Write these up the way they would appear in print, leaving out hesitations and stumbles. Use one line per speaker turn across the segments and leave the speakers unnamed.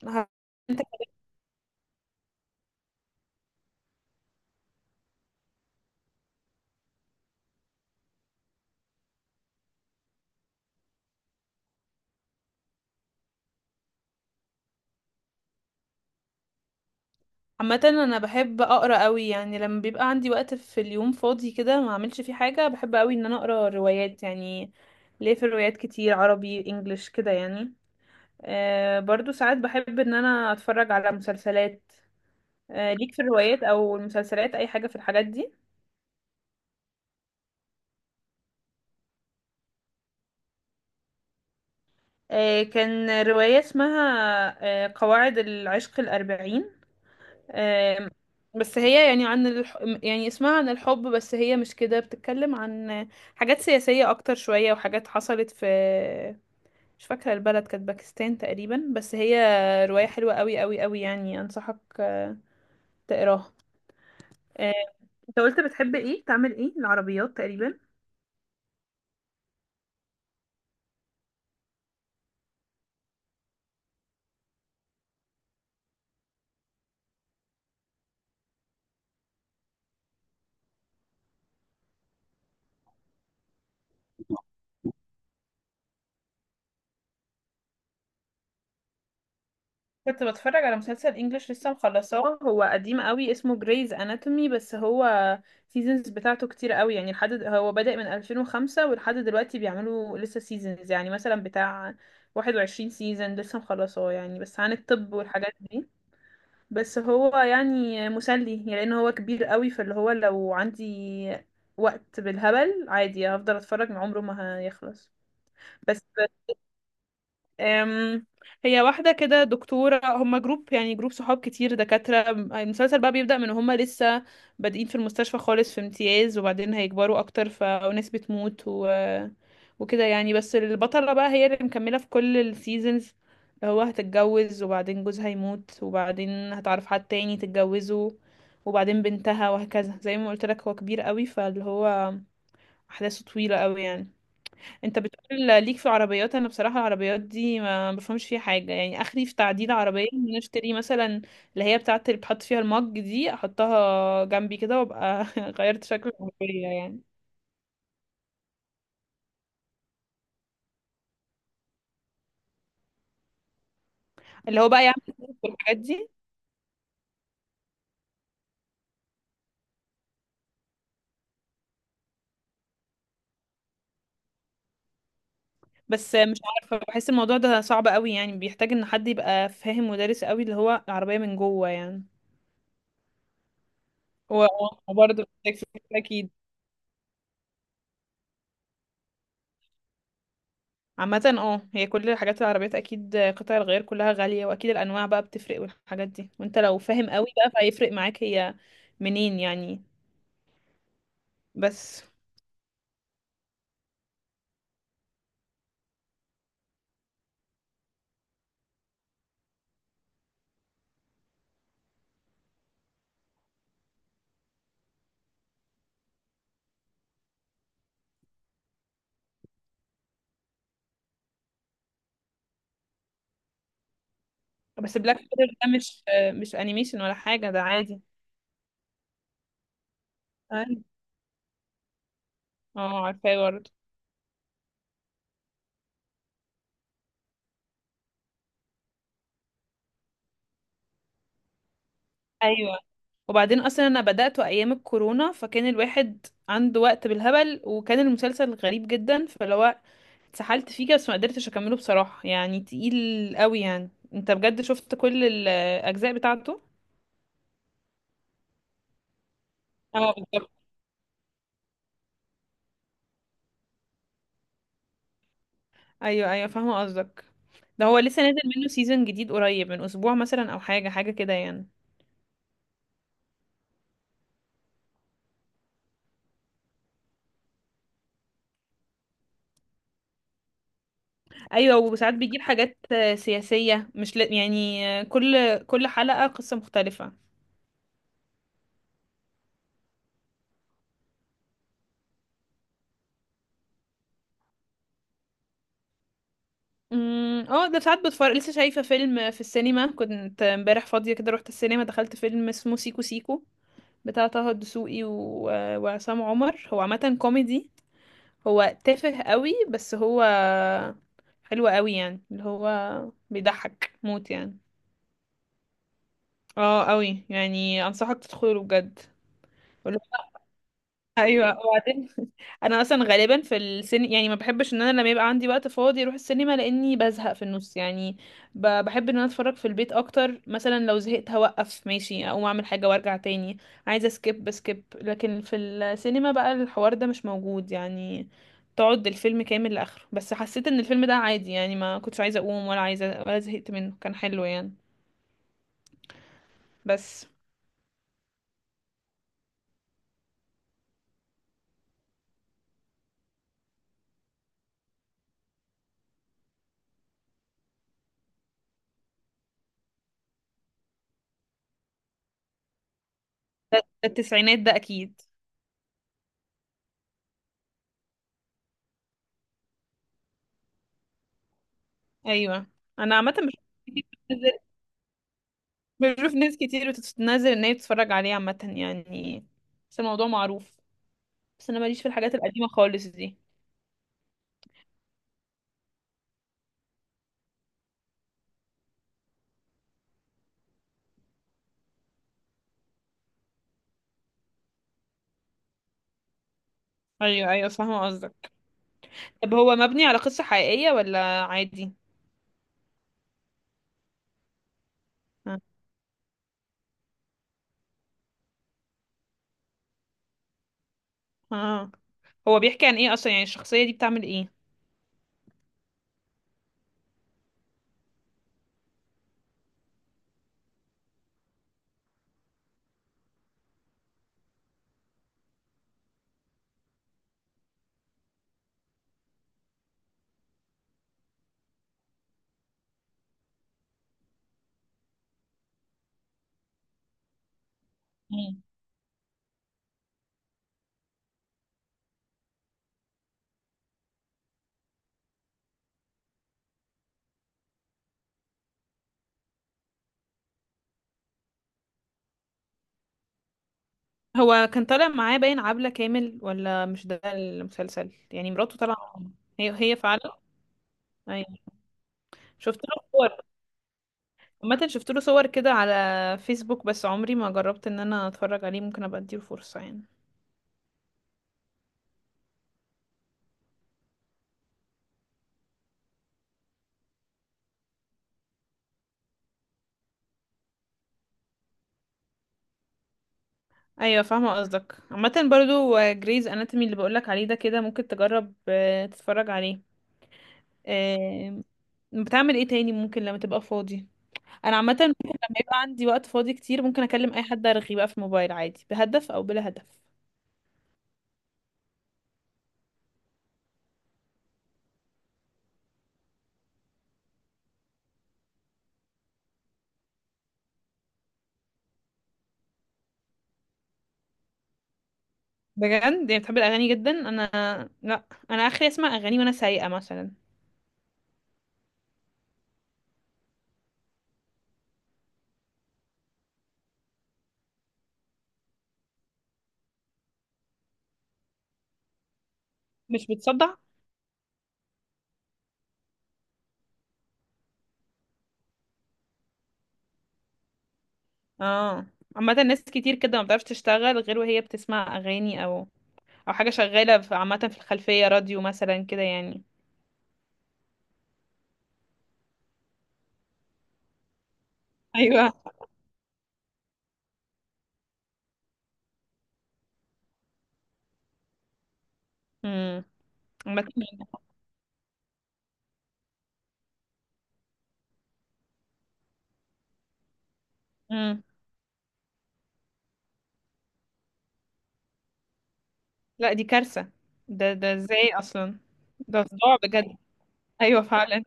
ه- عامة انا بحب اقرا قوي، يعني لما بيبقى عندي وقت في اليوم فاضي كده ما اعملش فيه حاجة، بحب قوي ان انا اقرا روايات يعني. ليه في الروايات كتير عربي انجليش كده يعني. برضو ساعات بحب ان انا اتفرج على مسلسلات. ليك في الروايات او المسلسلات اي حاجة في الحاجات دي؟ كان رواية اسمها، قواعد العشق الأربعين. آم، بس هي يعني عن يعني اسمها عن الحب، بس هي مش كده، بتتكلم عن حاجات سياسية أكتر شوية وحاجات حصلت في، مش فاكرة البلد، كانت باكستان تقريبا. بس هي رواية حلوة قوي قوي قوي يعني، أنصحك تقراها. آه، انت قلت بتحب ايه، تعمل ايه، العربيات تقريبا. كنت بتفرج على مسلسل انجليش، لسه مخلصاه، هو قديم قوي، اسمه جريز اناتومي. بس هو سيزونز بتاعته كتير قوي يعني، لحد هو بدأ من 2005 ولحد دلوقتي بيعملوا لسه سيزونز، يعني مثلا بتاع 21 سيزون لسه مخلصاه يعني. بس عن الطب والحاجات دي. بس هو يعني مسلي، يعني لان هو كبير قوي، فاللي هو لو عندي وقت بالهبل عادي هفضل اتفرج، من عمره ما هيخلص. بس أم، هي واحدة كده دكتورة، هما جروب، يعني جروب صحاب كتير دكاترة. المسلسل بقى بيبدأ من هما لسه بادئين في المستشفى خالص، في امتياز، وبعدين هيكبروا أكتر، فناس بتموت وكده يعني. بس البطلة بقى هي اللي مكملة في كل السيزونز. هو هتتجوز وبعدين جوزها يموت، وبعدين هتعرف حد تاني تتجوزه، وبعدين بنتها، وهكذا. زي ما قلت لك، هو كبير قوي فاللي هو أحداثه طويلة قوي يعني. انت بتقول ليك في العربيات، انا بصراحه العربيات دي ما بفهمش فيها حاجه. يعني اخري في تعديل عربيه ان أنا اشتري مثلا اللي هي بتاعه، اللي بتحط فيها المج دي، احطها جنبي كده وابقى غيرت شكل العربيه يعني. اللي هو بقى يعمل الحاجات دي؟ بس مش عارفه، بحس الموضوع ده صعب قوي يعني، بيحتاج ان حد يبقى فاهم ودارس قوي اللي هو العربيه من جوه يعني. و- وبرضه محتاج فلوس اكيد. عامة اه، هي كل الحاجات العربيات اكيد قطع الغيار كلها غالية، واكيد الانواع بقى بتفرق والحاجات دي، وانت لو فاهم قوي بقى فهيفرق معاك هي منين يعني. بس بلاك بيرر ده مش مش انيميشن ولا حاجة، ده عادي. أيوة. اه عارفاه برضه. ايوه، وبعدين اصلا انا بدأته ايام الكورونا، فكان الواحد عنده وقت بالهبل، وكان المسلسل غريب جدا، فاللي هو اتسحلت فيه كده. بس ما قدرتش اكمله بصراحة، يعني تقيل قوي يعني. انت بجد شفت كل الاجزاء بتاعته؟ اه بالظبط. ايوه ايوه فاهمه قصدك. ده هو لسه نازل منه سيزون جديد قريب، من اسبوع مثلا او حاجه حاجه كده يعني. ايوه، وساعات بيجيب حاجات سياسيه، مش ل... يعني كل كل حلقه قصه مختلفه. اه، ده ساعات بتفرج. لسه شايفه فيلم في السينما، كنت امبارح فاضيه كده، رحت السينما، دخلت فيلم اسمه سيكو سيكو، بتاع طه الدسوقي وعصام عمر. هو عامه كوميدي، هو تافه قوي، بس هو حلو قوي يعني، اللي هو بيضحك موت يعني. اه قوي يعني، انصحك تدخله بجد. قول له ايوه. وبعدين انا اصلا غالبا في السن يعني ما بحبش ان انا لما يبقى عندي وقت فاضي اروح السينما، لاني بزهق في النص يعني. بحب ان انا اتفرج في البيت اكتر، مثلا لو زهقت هوقف ماشي، اقوم اعمل حاجه وارجع تاني. عايزه سكيب بسكيب. لكن في السينما بقى الحوار ده مش موجود يعني، تقعد الفيلم كامل لاخره. بس حسيت ان الفيلم ده عادي يعني، ما كنتش عايزه اقوم ولا عايزه ولا زهقت منه، كان حلو يعني. بس ده التسعينات ده اكيد. ايوه. انا عامه بشوف كتير بشوف ناس كتير بتنزل ان هي بتتفرج عليه عامه يعني، بس الموضوع معروف. بس انا ماليش في الحاجات القديمه خالص دي. ايوه ايوه فاهمه قصدك. طب هو مبني على قصه حقيقيه ولا عادي؟ اه. آه. هو بيحكي عن ايه اصلا، يعني الشخصيه دي بتعمل ايه؟ مم. هو كان طالع معاه باين عبلة كامل ولا مش ده المسلسل، يعني مراته طالعه معاه. هي هي فعلا. ايوه. شفت له، عامة شفت له صور كده على فيسبوك، بس عمري ما جربت ان انا اتفرج عليه، ممكن ابقى اديله فرصة يعني. ايوه فاهمة قصدك. عامة برضو جريز اناتومي اللي بقولك عليه ده، كده ممكن تجرب تتفرج عليه. آه، بتعمل ايه تاني ممكن لما تبقى فاضي؟ انا عامة ممكن لما يبقى عندي وقت فاضي كتير، ممكن اكلم اي حد، ارغي بقى في الموبايل عادي، بهدف او بلا هدف. بجد؟ يعني بتحب الاغاني جدا. انا لا، انا اخري اسمع اغاني وانا سايقة مثلا. مش بتصدع؟ اه. عامة ناس كتير كده ما بتعرفش تشتغل غير وهي بتسمع اغاني، او او حاجة شغالة عامة في الخلفية، راديو مثلا كده يعني. ايوه. امم. عامة امم. لا دي كارثة. ده ده ازاي اصلا؟ ده صداع بجد. ايوه فعلا.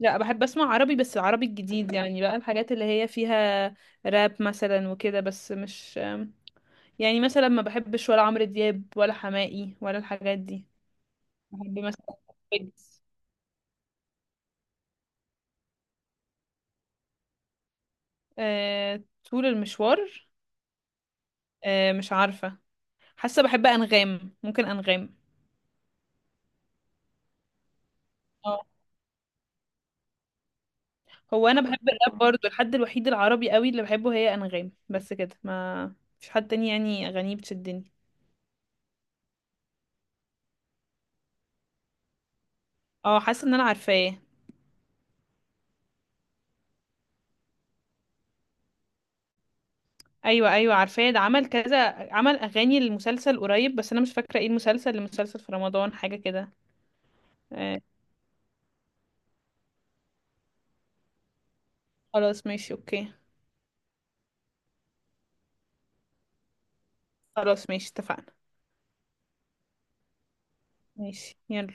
لا بحب اسمع عربي، بس العربي الجديد يعني بقى، الحاجات اللي هي فيها راب مثلا وكده. بس مش يعني مثلا ما بحبش ولا عمرو دياب ولا حماقي ولا الحاجات دي. بحب مثلا ويجز. آه، طول المشوار. آه مش عارفة. حاسة بحب أنغام، ممكن أنغام. اه. هو أنا بحب الراب برضو، الحد الوحيد العربي قوي اللي بحبه هي أنغام، بس كده. ما مفيش حد تاني يعني أغانيه بتشدني. اه حاسة إن أنا عارفاه. أيوة أيوة عارفاه. ده عمل كذا، عمل أغاني للمسلسل قريب، بس أنا مش فاكرة ايه المسلسل. المسلسل في رمضان، حاجة كده. آه. خلاص ماشي أوكي. خلاص ماشي اتفقنا. ماشي يلا.